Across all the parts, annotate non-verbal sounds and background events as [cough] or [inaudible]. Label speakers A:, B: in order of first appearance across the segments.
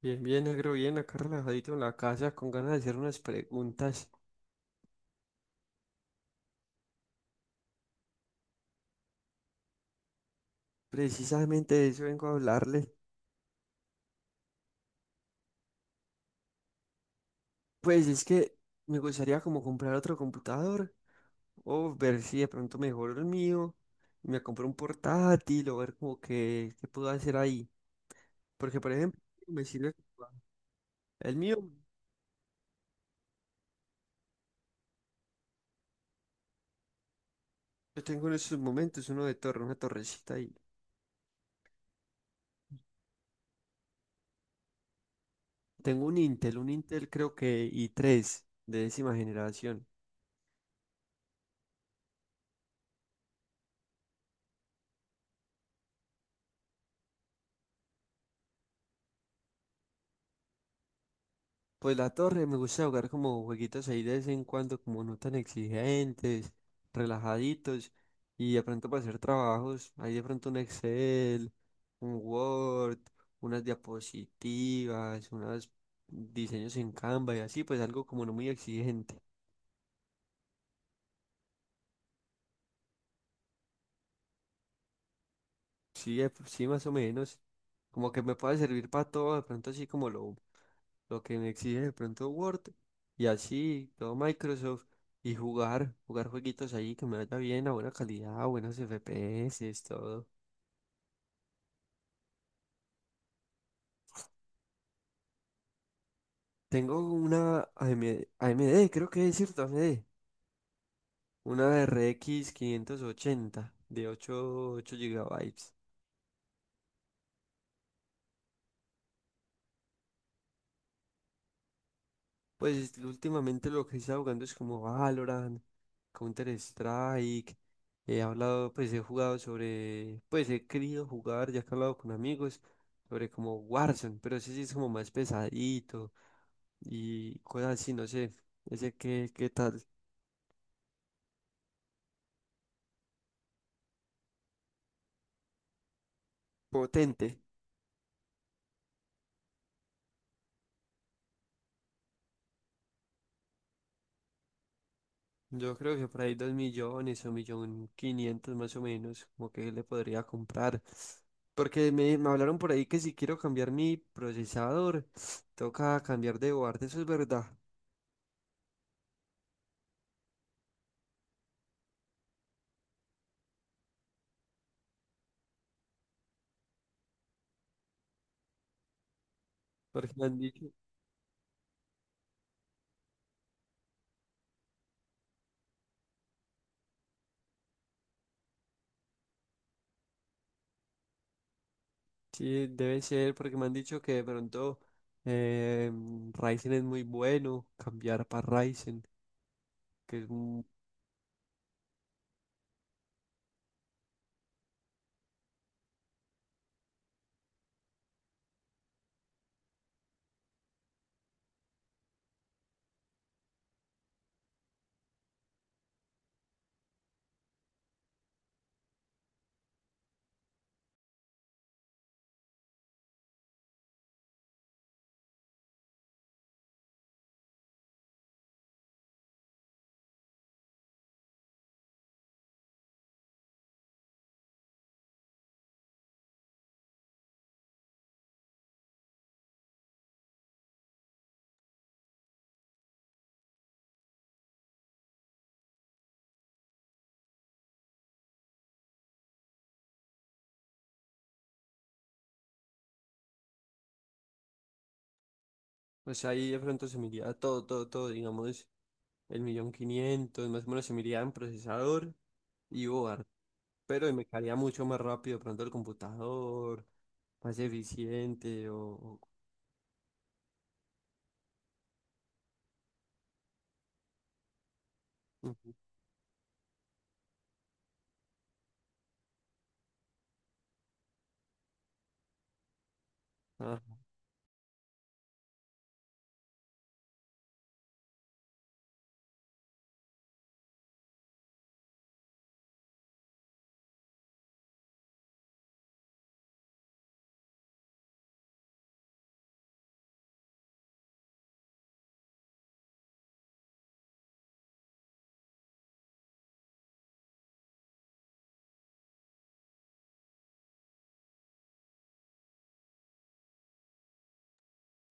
A: Bien, bien, negro, bien, acá relajadito en la casa, con ganas de hacer unas preguntas. Precisamente de eso vengo a hablarle. Pues es que me gustaría como comprar otro computador o ver si de pronto mejoro el mío y me compro un portátil o ver como que qué puedo hacer ahí. Porque, por ejemplo, me sirve el mío. Yo tengo en estos momentos uno de torre, una torrecita ahí. Tengo un Intel creo que i3 de décima generación. Pues la torre me gusta jugar como jueguitos ahí de vez en cuando, como no tan exigentes, relajaditos, y de pronto para hacer trabajos, ahí de pronto un Excel, un Word, unas diapositivas, unos diseños en Canva y así, pues algo como no muy exigente. Sí, sí, más o menos, como que me puede servir para todo, de pronto así como lo que me exige de pronto Word y así todo Microsoft y jugar, jugar jueguitos ahí que me vaya bien, a buena calidad, a buenos FPS, todo. Tengo una A M D, creo que es, cierto, A M D, una RX 580 de ocho gigabytes. Pues últimamente lo que he estado jugando es como Valorant, Counter-Strike. He hablado, pues he jugado sobre, pues he querido jugar, ya que he hablado con amigos, sobre como Warzone, pero ese sí es como más pesadito y cosas así, no sé, ese que, qué qué tal, potente. Yo creo que por ahí dos millones o millón quinientos más o menos, como que le podría comprar. Porque me hablaron por ahí que si quiero cambiar mi procesador, [sniffs] toca cambiar de board, eso es verdad. Porque me han dicho, sí, debe ser, porque me han dicho que de pronto eh, Ryzen es muy bueno, cambiar para Ryzen, que es un- o sea, ahí de pronto se me iría todo, todo, todo, digamos, el millón quinientos, más o menos se me iría en procesador y board, pero me caería mucho más rápido de pronto el computador, más eficiente. o- Ah,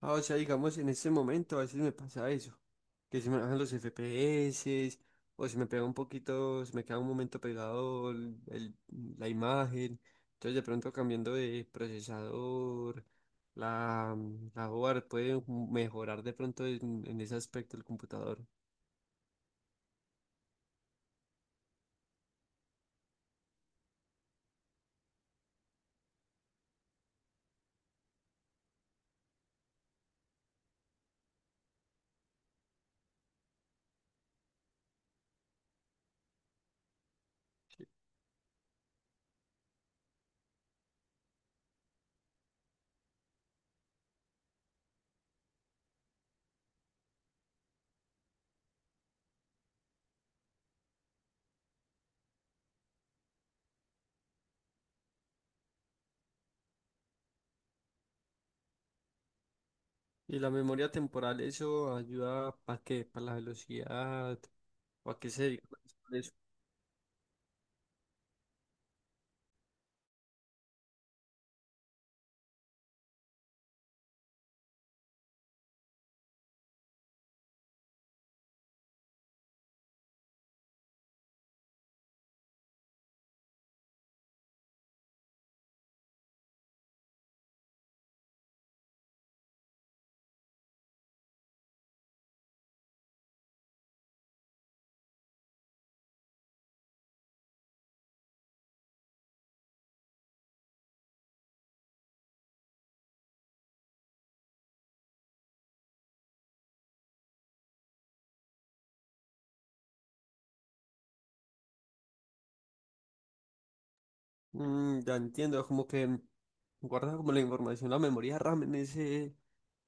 A: ah, o sea, digamos, en este momento a veces me pasa eso, que se me bajan los FPS o se me pega un poquito, se me queda un momento pegado la imagen, entonces de pronto cambiando de procesador, la, la board puede mejorar de pronto en ese aspecto el computador. Y la memoria temporal, eso ayuda para la velocidad. ¿O a qué se dedica eso? Mm, ya entiendo, como que guarda como la información, la memoria RAM en ese,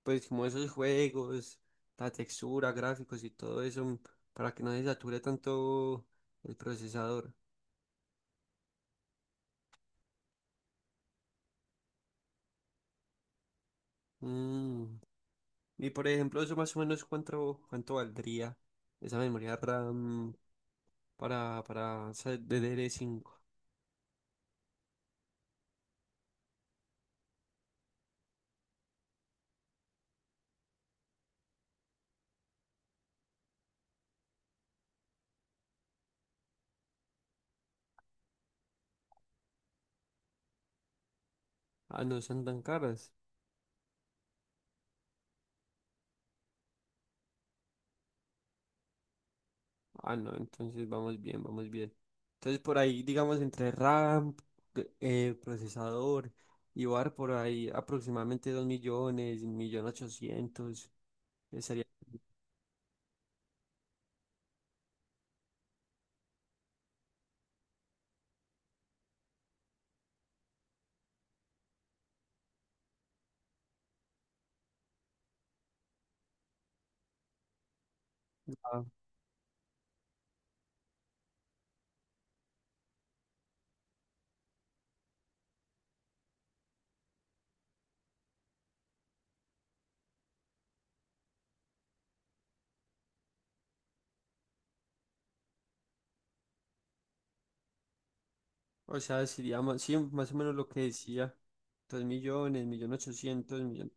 A: pues como esos juegos, la textura, gráficos y todo eso, para que no se sature tanto el procesador. Mm. Y por ejemplo, eso más o menos cuánto valdría esa memoria RAM para esa DDR5. Ah, no son tan caras. Ah, no, entonces vamos bien, vamos bien. Entonces por ahí, digamos, entre RAM, procesador y bar, por ahí aproximadamente 2 millones, 1 millón ochocientos, sería. Ah, o sea, sería más, sí, más o menos lo que decía, 2 millones, millón 800, millón.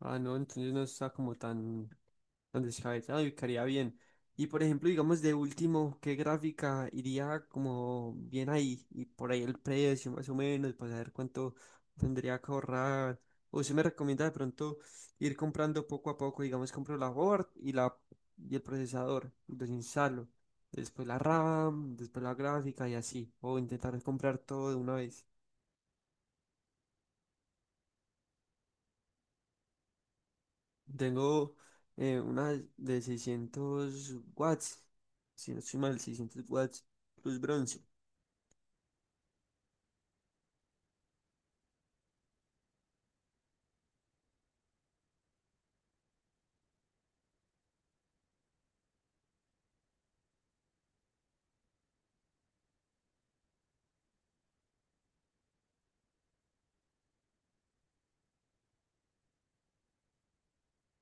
A: Ah, no, entonces no está como tan descabellado y quedaría bien. Y por ejemplo, digamos de último, ¿qué gráfica iría como bien ahí? Y por ahí el precio más o menos, para saber cuánto tendría que ahorrar. O se me recomienda de pronto ir comprando poco a poco, digamos, compro la board y la y el procesador, los instalo. Después la RAM, después la gráfica y así. O intentar comprar todo de una vez. Tengo una de 600 watts, si no estoy mal, 600 watts plus bronce.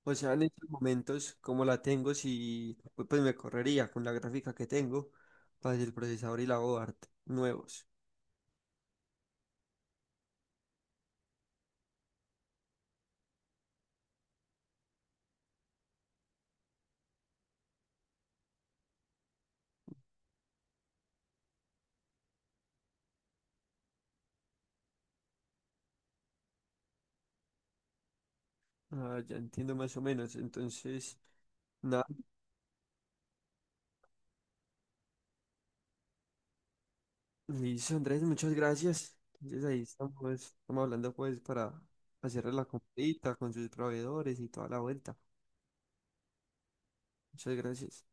A: O sea, en estos momentos, como la tengo, si, pues me correría con la gráfica que tengo para el procesador y la board nuevos. Ah, ya entiendo más o menos. Entonces, nada, listo, Andrés, muchas gracias. Entonces ahí estamos, estamos hablando pues para hacerle la comprita con sus proveedores y toda la vuelta. Muchas gracias.